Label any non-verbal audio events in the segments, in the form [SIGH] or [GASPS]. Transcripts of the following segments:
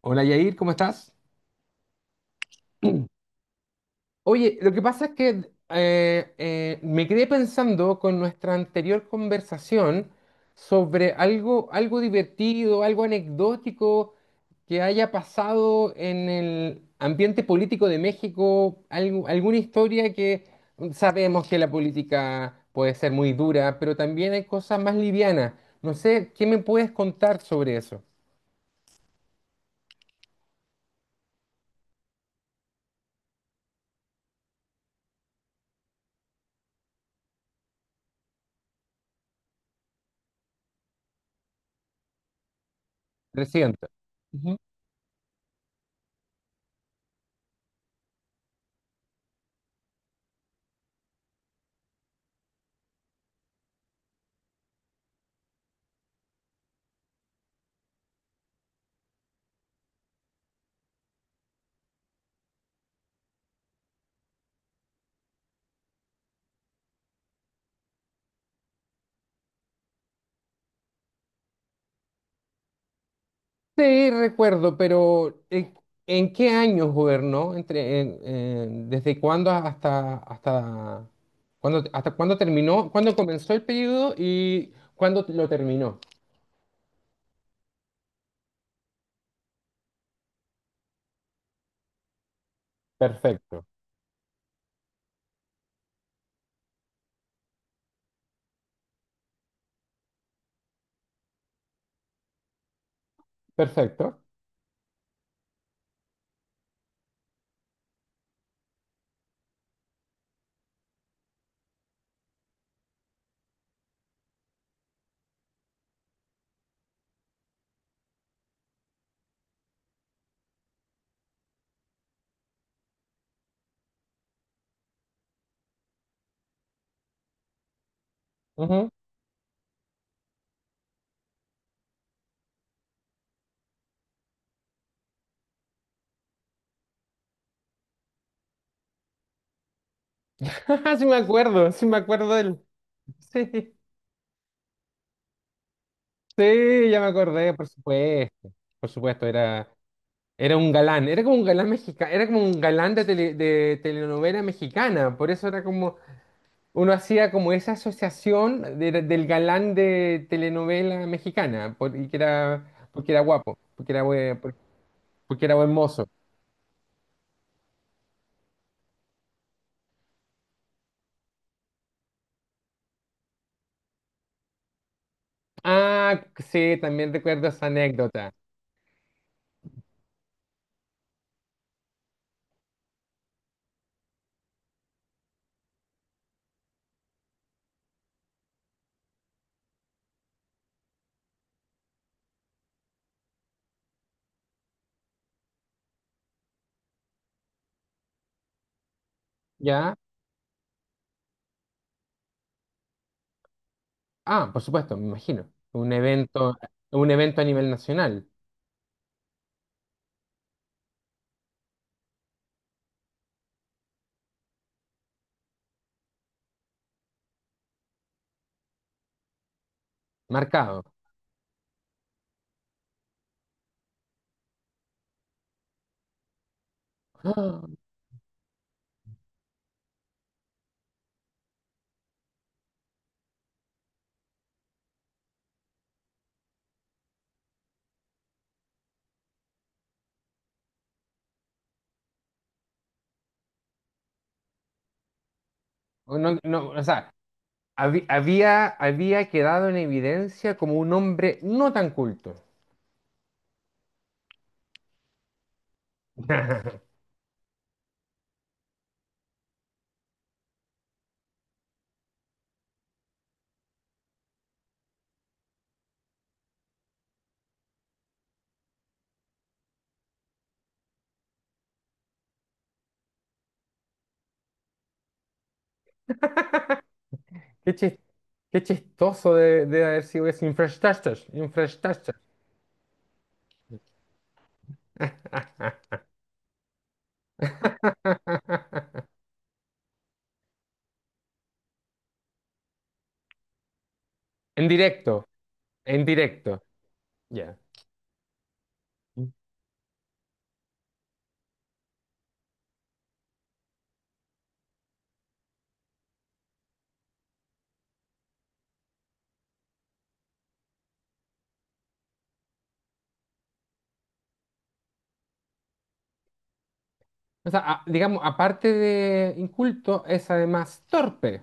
Hola Yair, ¿cómo estás? Oye, lo que pasa es que me quedé pensando con nuestra anterior conversación sobre algo divertido, algo anecdótico que haya pasado en el ambiente político de México, alguna historia que sabemos que la política puede ser muy dura, pero también hay cosas más livianas. No sé, ¿qué me puedes contar sobre eso? Reciente. Sí, recuerdo, pero ¿en qué año gobernó? ¿Desde cuándo hasta, hasta cuándo terminó? ¿Cuándo comenzó el periodo y cuándo lo terminó? Perfecto, perfecto. Ujú. [LAUGHS] Sí me acuerdo del... Sí, sí, ya me acordé, por supuesto. Por supuesto, era un galán, era como un galán mexicano, era como un galán de, de telenovela mexicana, por eso era como... Uno hacía como esa asociación del galán de telenovela mexicana, y que era, porque era guapo, porque era buen, porque era buen mozo. Ah, sí, también recuerdo esa anécdota. ¿Ya? Ah, por supuesto, me imagino. Un evento a nivel nacional, marcado. [GASPS] Ah, no, no, o sea, había, había quedado en evidencia como un hombre no tan culto. [LAUGHS] Qué chis- Qué chistoso de haber sido ese infrastructure. [LAUGHS] En directo, en directo. Ya. O sea, digamos, aparte de inculto, es además torpe.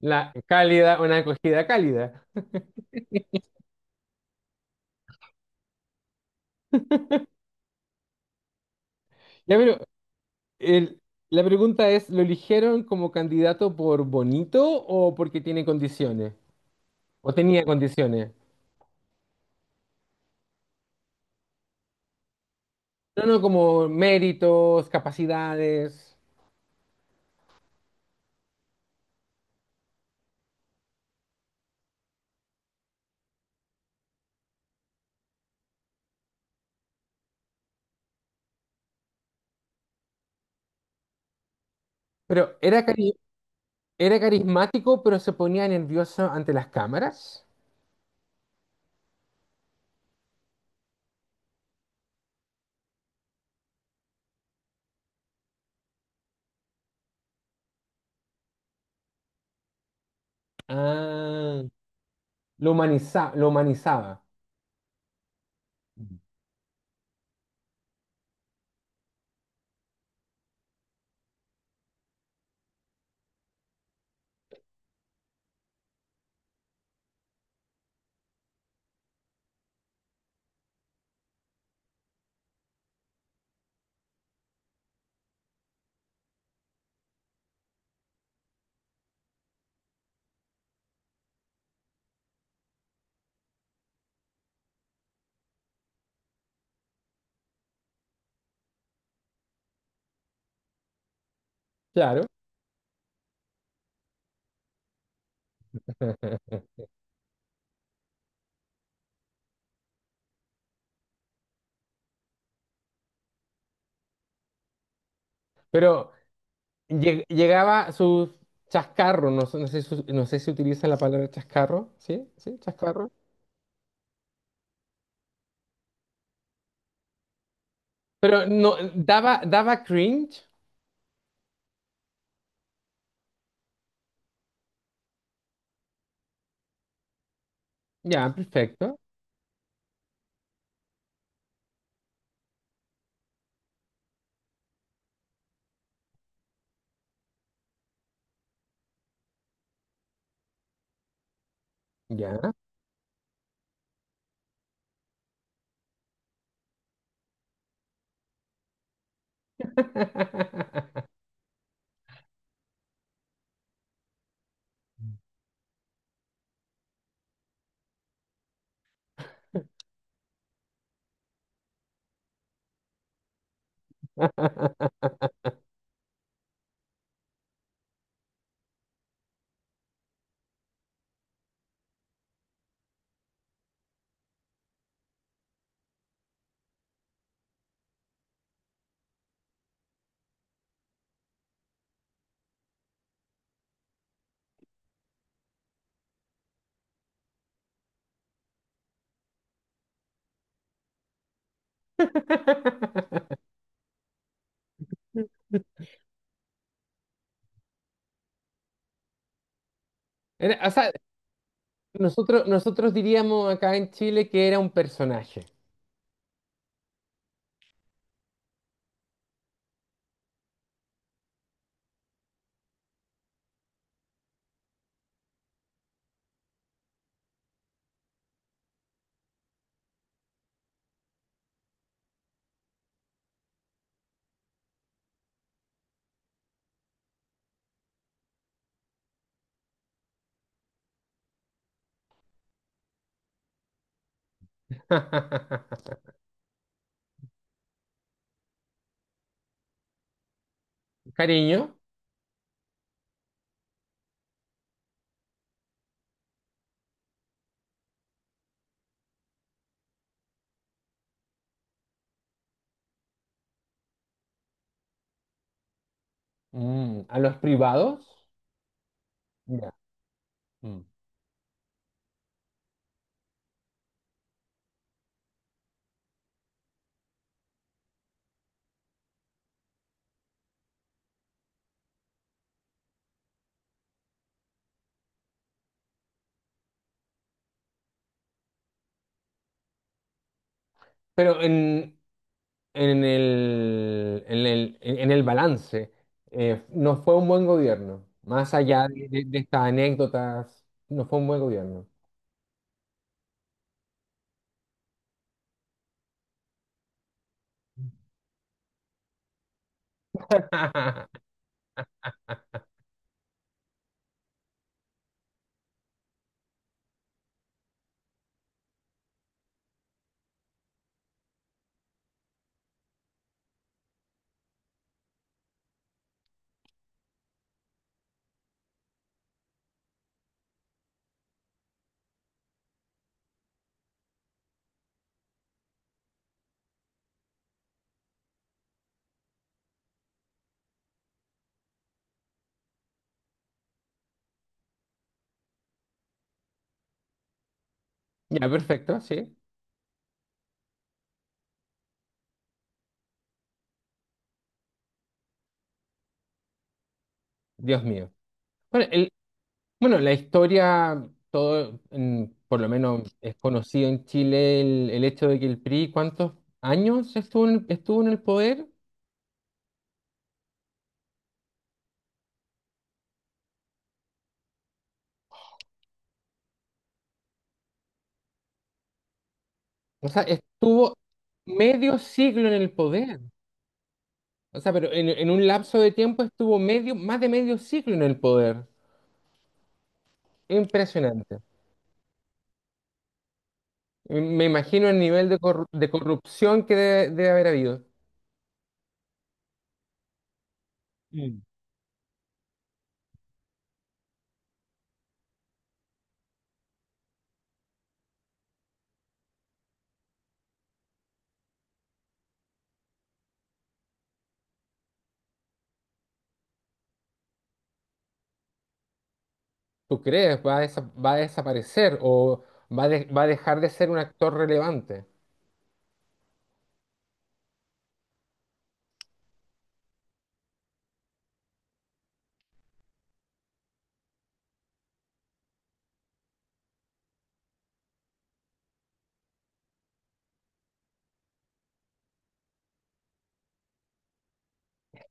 La cálida, una acogida cálida. [LAUGHS] Ya, pero el- la pregunta es, ¿lo eligieron como candidato por bonito o porque tiene condiciones? ¿O tenía condiciones? No, no, como méritos, capacidades. Pero era cari- Era carismático, pero se ponía nervioso ante las cámaras. Ah. Lo humaniza, lo humanizaba. Ujú. Claro. [LAUGHS] Pero llegaba su chascarro, no sé no sé si utiliza la palabra chascarro, ¿sí? ¿Sí? ¿Chascarro? Pero no, daba, daba cringe. Ya, perfecto. Ya. [LAUGHS] O sea, nosotros diríamos acá en Chile que era un personaje. [LAUGHS] Cariño, mm, a los privados. Ya. Mm. Pero en, en el balance, no fue un buen gobierno. Más allá de, de estas anécdotas, no fue un buen gobierno. [LAUGHS] Ya, perfecto, sí. Dios mío. Bueno, el, Bueno, la historia, todo, en- por lo menos es conocido en Chile el hecho de que el PRI, ¿cuántos años estuvo en, estuvo en el poder? O sea, estuvo medio siglo en el poder. O sea, pero en un lapso de tiempo estuvo medio, más de medio siglo en el poder. Impresionante. Me imagino el nivel de, de corrupción que debe, debe haber habido. Mm. ¿Tú crees? ¿Va a, va a desaparecer o va, va a dejar de ser un actor relevante?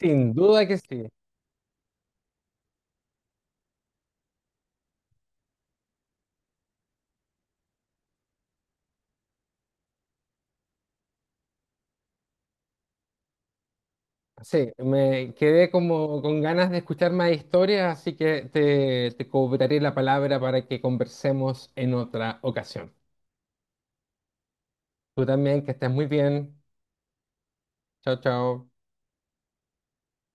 Sin duda que sí. Sí, me quedé como con ganas de escuchar más historias, así que te cobraré la palabra para que conversemos en otra ocasión. Tú también, que estés muy bien. Chao, chao.